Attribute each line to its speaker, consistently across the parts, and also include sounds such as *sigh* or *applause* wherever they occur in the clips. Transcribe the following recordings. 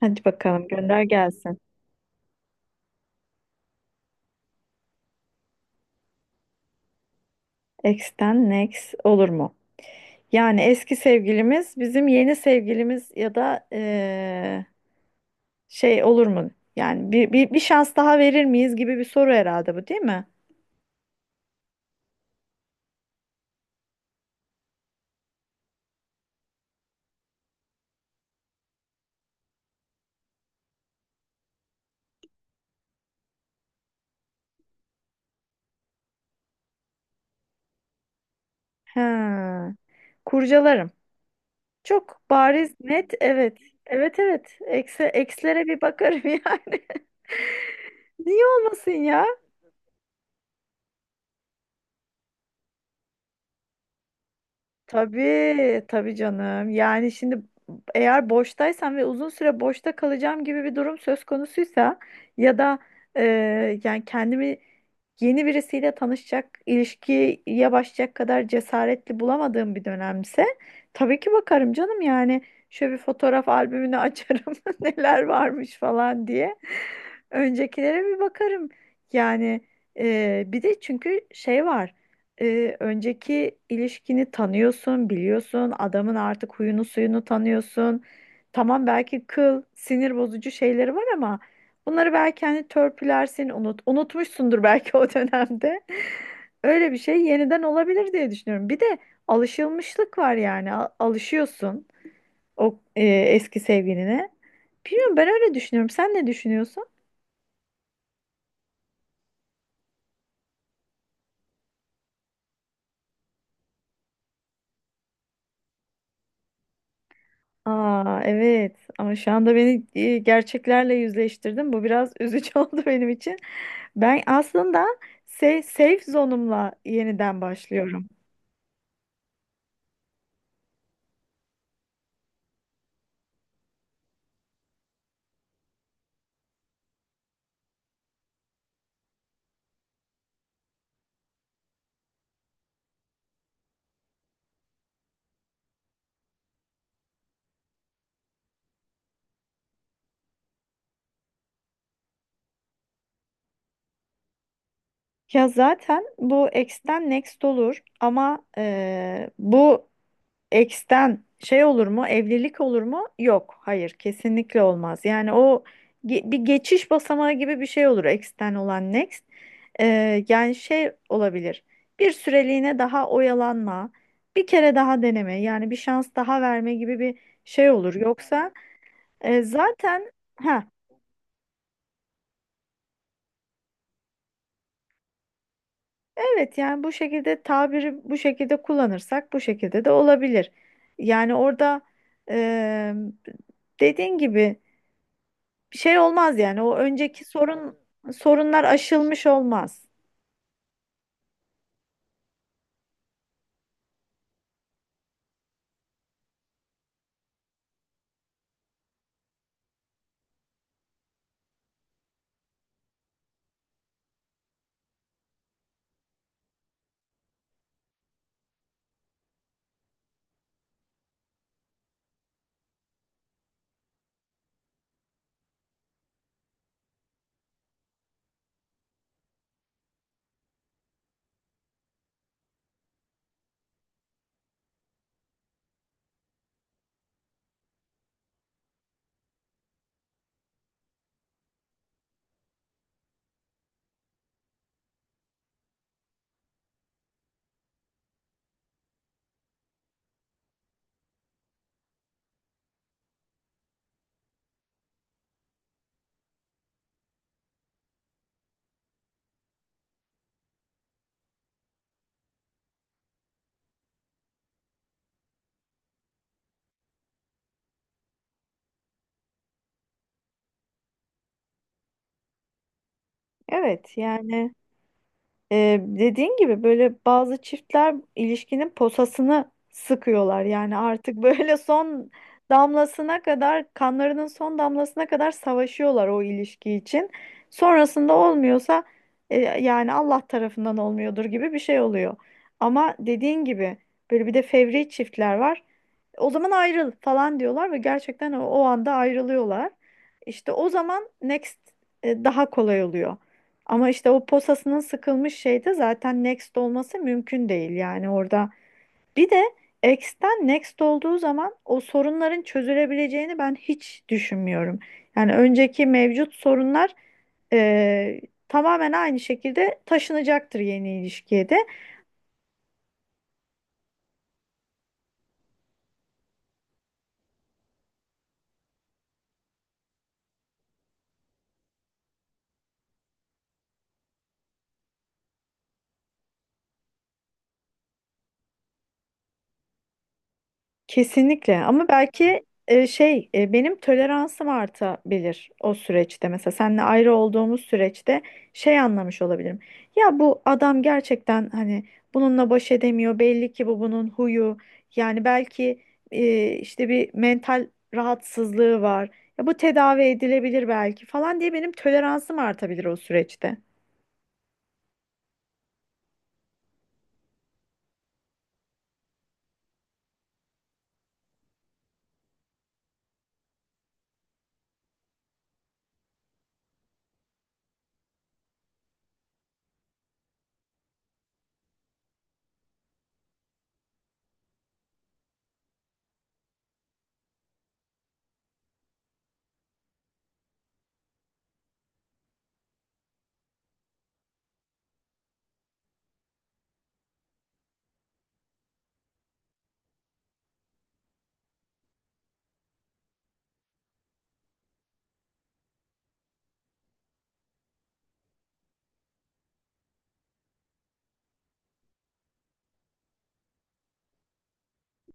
Speaker 1: Hadi bakalım gönder gelsin. Ex'ten next olur mu? Yani eski sevgilimiz bizim yeni sevgilimiz ya da şey olur mu? Yani bir şans daha verir miyiz gibi bir soru herhalde bu değil mi? Ha, kurcalarım. Çok bariz net evet. Evet evet. Ekslere bir bakarım *laughs* yani. Niye olmasın ya? Tabii, tabii canım. Yani şimdi eğer boştaysam ve uzun süre boşta kalacağım gibi bir durum söz konusuysa ya da e, yani kendimi yeni birisiyle tanışacak, ilişkiye başlayacak kadar cesaretli bulamadığım bir dönemse tabii ki bakarım canım yani şöyle bir fotoğraf albümünü açarım *laughs* neler varmış falan diye. Öncekilere bir bakarım. Yani bir de çünkü şey var, önceki ilişkini tanıyorsun, biliyorsun, adamın artık huyunu suyunu tanıyorsun. Tamam belki kıl, sinir bozucu şeyleri var ama bunları belki hani törpülersin, unutmuşsundur belki *laughs* o dönemde. Öyle bir şey yeniden olabilir diye düşünüyorum. Bir de alışılmışlık var yani. Alışıyorsun o eski sevgiline. Bilmiyorum ben öyle düşünüyorum. Sen ne düşünüyorsun? Aa evet ama şu anda beni gerçeklerle yüzleştirdin. Bu biraz üzücü *laughs* oldu benim için. Ben aslında safe zone'umla yeniden başlıyorum. Ya zaten bu X'ten next olur ama bu Ex'ten şey olur mu? Evlilik olur mu? Yok. Hayır, kesinlikle olmaz. Yani o bir geçiş basamağı gibi bir şey olur Ex'ten olan next. Yani şey olabilir. Bir süreliğine daha oyalanma, bir kere daha deneme, yani bir şans daha verme gibi bir şey olur. Yoksa zaten ha evet yani bu şekilde tabiri bu şekilde kullanırsak bu şekilde de olabilir. Yani orada e, dediğin gibi bir şey olmaz yani. O önceki sorunlar aşılmış olmaz. Evet yani dediğin gibi böyle bazı çiftler ilişkinin posasını sıkıyorlar. Yani artık böyle *laughs* son damlasına kadar, kanlarının son damlasına kadar savaşıyorlar o ilişki için. Sonrasında olmuyorsa yani Allah tarafından olmuyordur gibi bir şey oluyor. Ama dediğin gibi böyle bir de fevri çiftler var. O zaman ayrıl falan diyorlar ve gerçekten o anda ayrılıyorlar. İşte o zaman next daha kolay oluyor. Ama işte o posasının sıkılmış şeyde zaten next olması mümkün değil yani orada. Bir de X'ten next olduğu zaman o sorunların çözülebileceğini ben hiç düşünmüyorum. Yani önceki mevcut sorunlar e, tamamen aynı şekilde taşınacaktır yeni ilişkiye de. Kesinlikle ama belki benim toleransım artabilir o süreçte, mesela seninle ayrı olduğumuz süreçte şey anlamış olabilirim. Ya bu adam gerçekten hani bununla baş edemiyor belli ki bunun huyu yani belki işte bir mental rahatsızlığı var. Ya bu tedavi edilebilir belki falan diye benim toleransım artabilir o süreçte.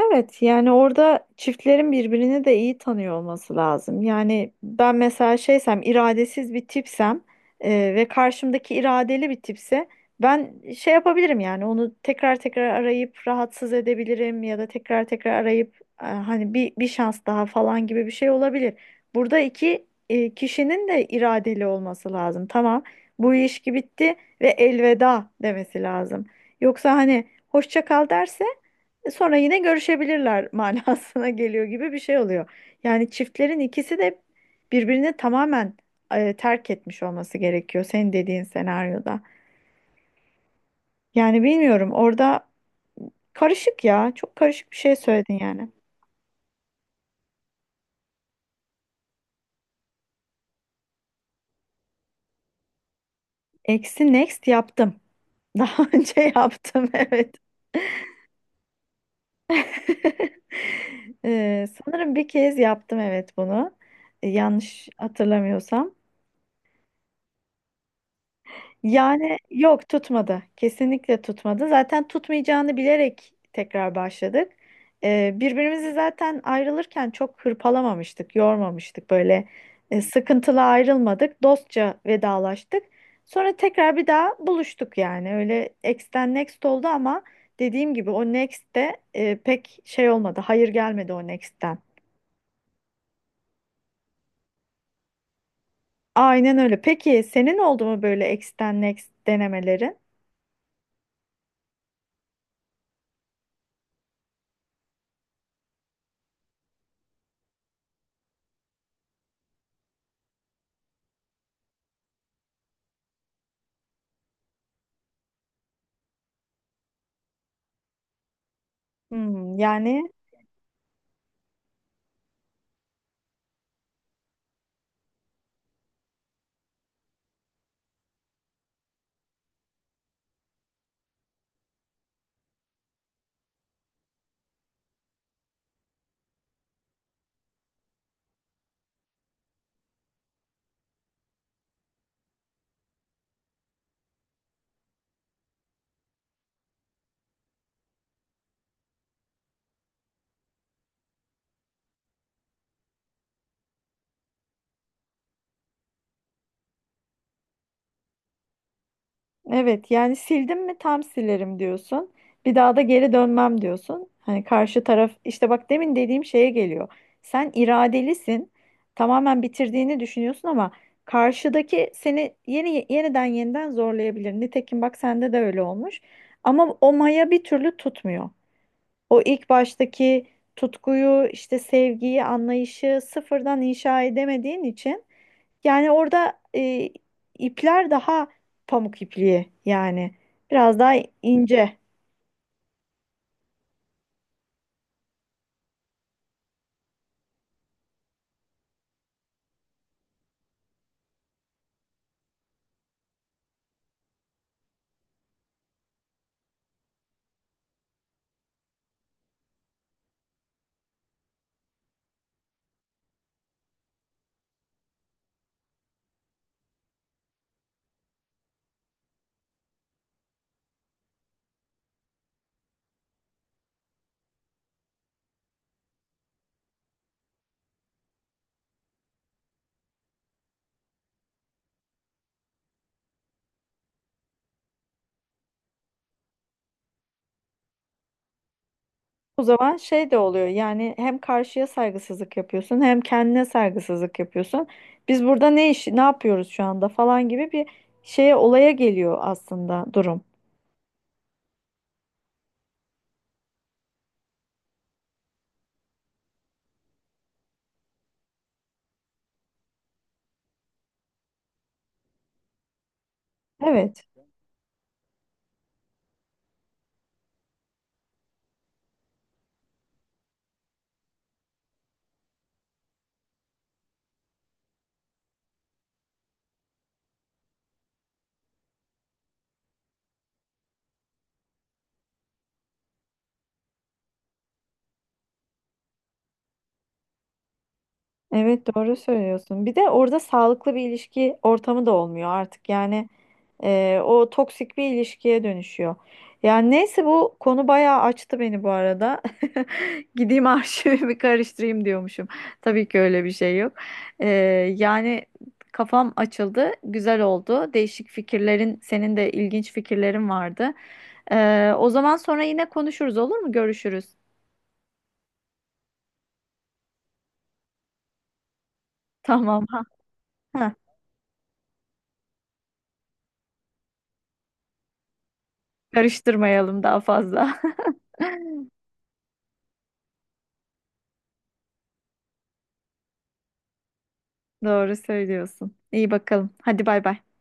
Speaker 1: Evet yani orada çiftlerin birbirini de iyi tanıyor olması lazım. Yani ben mesela şeysem iradesiz bir tipsem, e, ve karşımdaki iradeli bir tipse ben şey yapabilirim yani onu tekrar tekrar arayıp rahatsız edebilirim ya da tekrar tekrar arayıp hani bir şans daha falan gibi bir şey olabilir. Burada iki kişinin de iradeli olması lazım. Tamam bu ilişki bitti ve elveda demesi lazım. Yoksa hani hoşça kal derse sonra yine görüşebilirler manasına *laughs* geliyor gibi bir şey oluyor. Yani çiftlerin ikisi de birbirini tamamen terk etmiş olması gerekiyor senin dediğin senaryoda. Yani bilmiyorum orada karışık ya. Çok karışık bir şey söyledin yani. Eksi next yaptım. *laughs* Daha önce yaptım evet. *laughs* Sanırım bir kez yaptım evet bunu. Yanlış hatırlamıyorsam. Yani yok tutmadı. Kesinlikle tutmadı. Zaten tutmayacağını bilerek tekrar başladık. Birbirimizi zaten ayrılırken çok hırpalamamıştık, yormamıştık. Böyle sıkıntılı ayrılmadık. Dostça vedalaştık. Sonra tekrar bir daha buluştuk yani. Öyle X'ten next oldu ama dediğim gibi o next de pek şey olmadı. Hayır gelmedi o next'ten. Aynen öyle. Peki senin oldu mu böyle X'ten Next denemelerin? Hmm, yani evet yani sildim mi tam silerim diyorsun. Bir daha da geri dönmem diyorsun. Hani karşı taraf işte bak demin dediğim şeye geliyor. Sen iradelisin. Tamamen bitirdiğini düşünüyorsun ama karşıdaki seni yeniden yeniden zorlayabilir. Nitekim bak sende de öyle olmuş. Ama o maya bir türlü tutmuyor. O ilk baştaki tutkuyu, işte sevgiyi, anlayışı sıfırdan inşa edemediğin için yani orada ipler daha pamuk ipliği yani biraz daha ince. O zaman şey de oluyor yani hem karşıya saygısızlık yapıyorsun hem kendine saygısızlık yapıyorsun. Biz burada ne yapıyoruz şu anda falan gibi bir olaya geliyor aslında durum. Evet. Evet doğru söylüyorsun. Bir de orada sağlıklı bir ilişki ortamı da olmuyor artık. Yani o toksik bir ilişkiye dönüşüyor. Yani neyse bu konu bayağı açtı beni bu arada. *laughs* Gideyim arşivimi karıştırayım diyormuşum. Tabii ki öyle bir şey yok. E, yani kafam açıldı. Güzel oldu. Değişik fikirlerin, senin de ilginç fikirlerin vardı. O zaman sonra yine konuşuruz olur mu? Görüşürüz. Tamam. *laughs* Ha, ha. Karıştırmayalım daha fazla. *laughs* Doğru söylüyorsun. İyi bakalım. Hadi bay bay.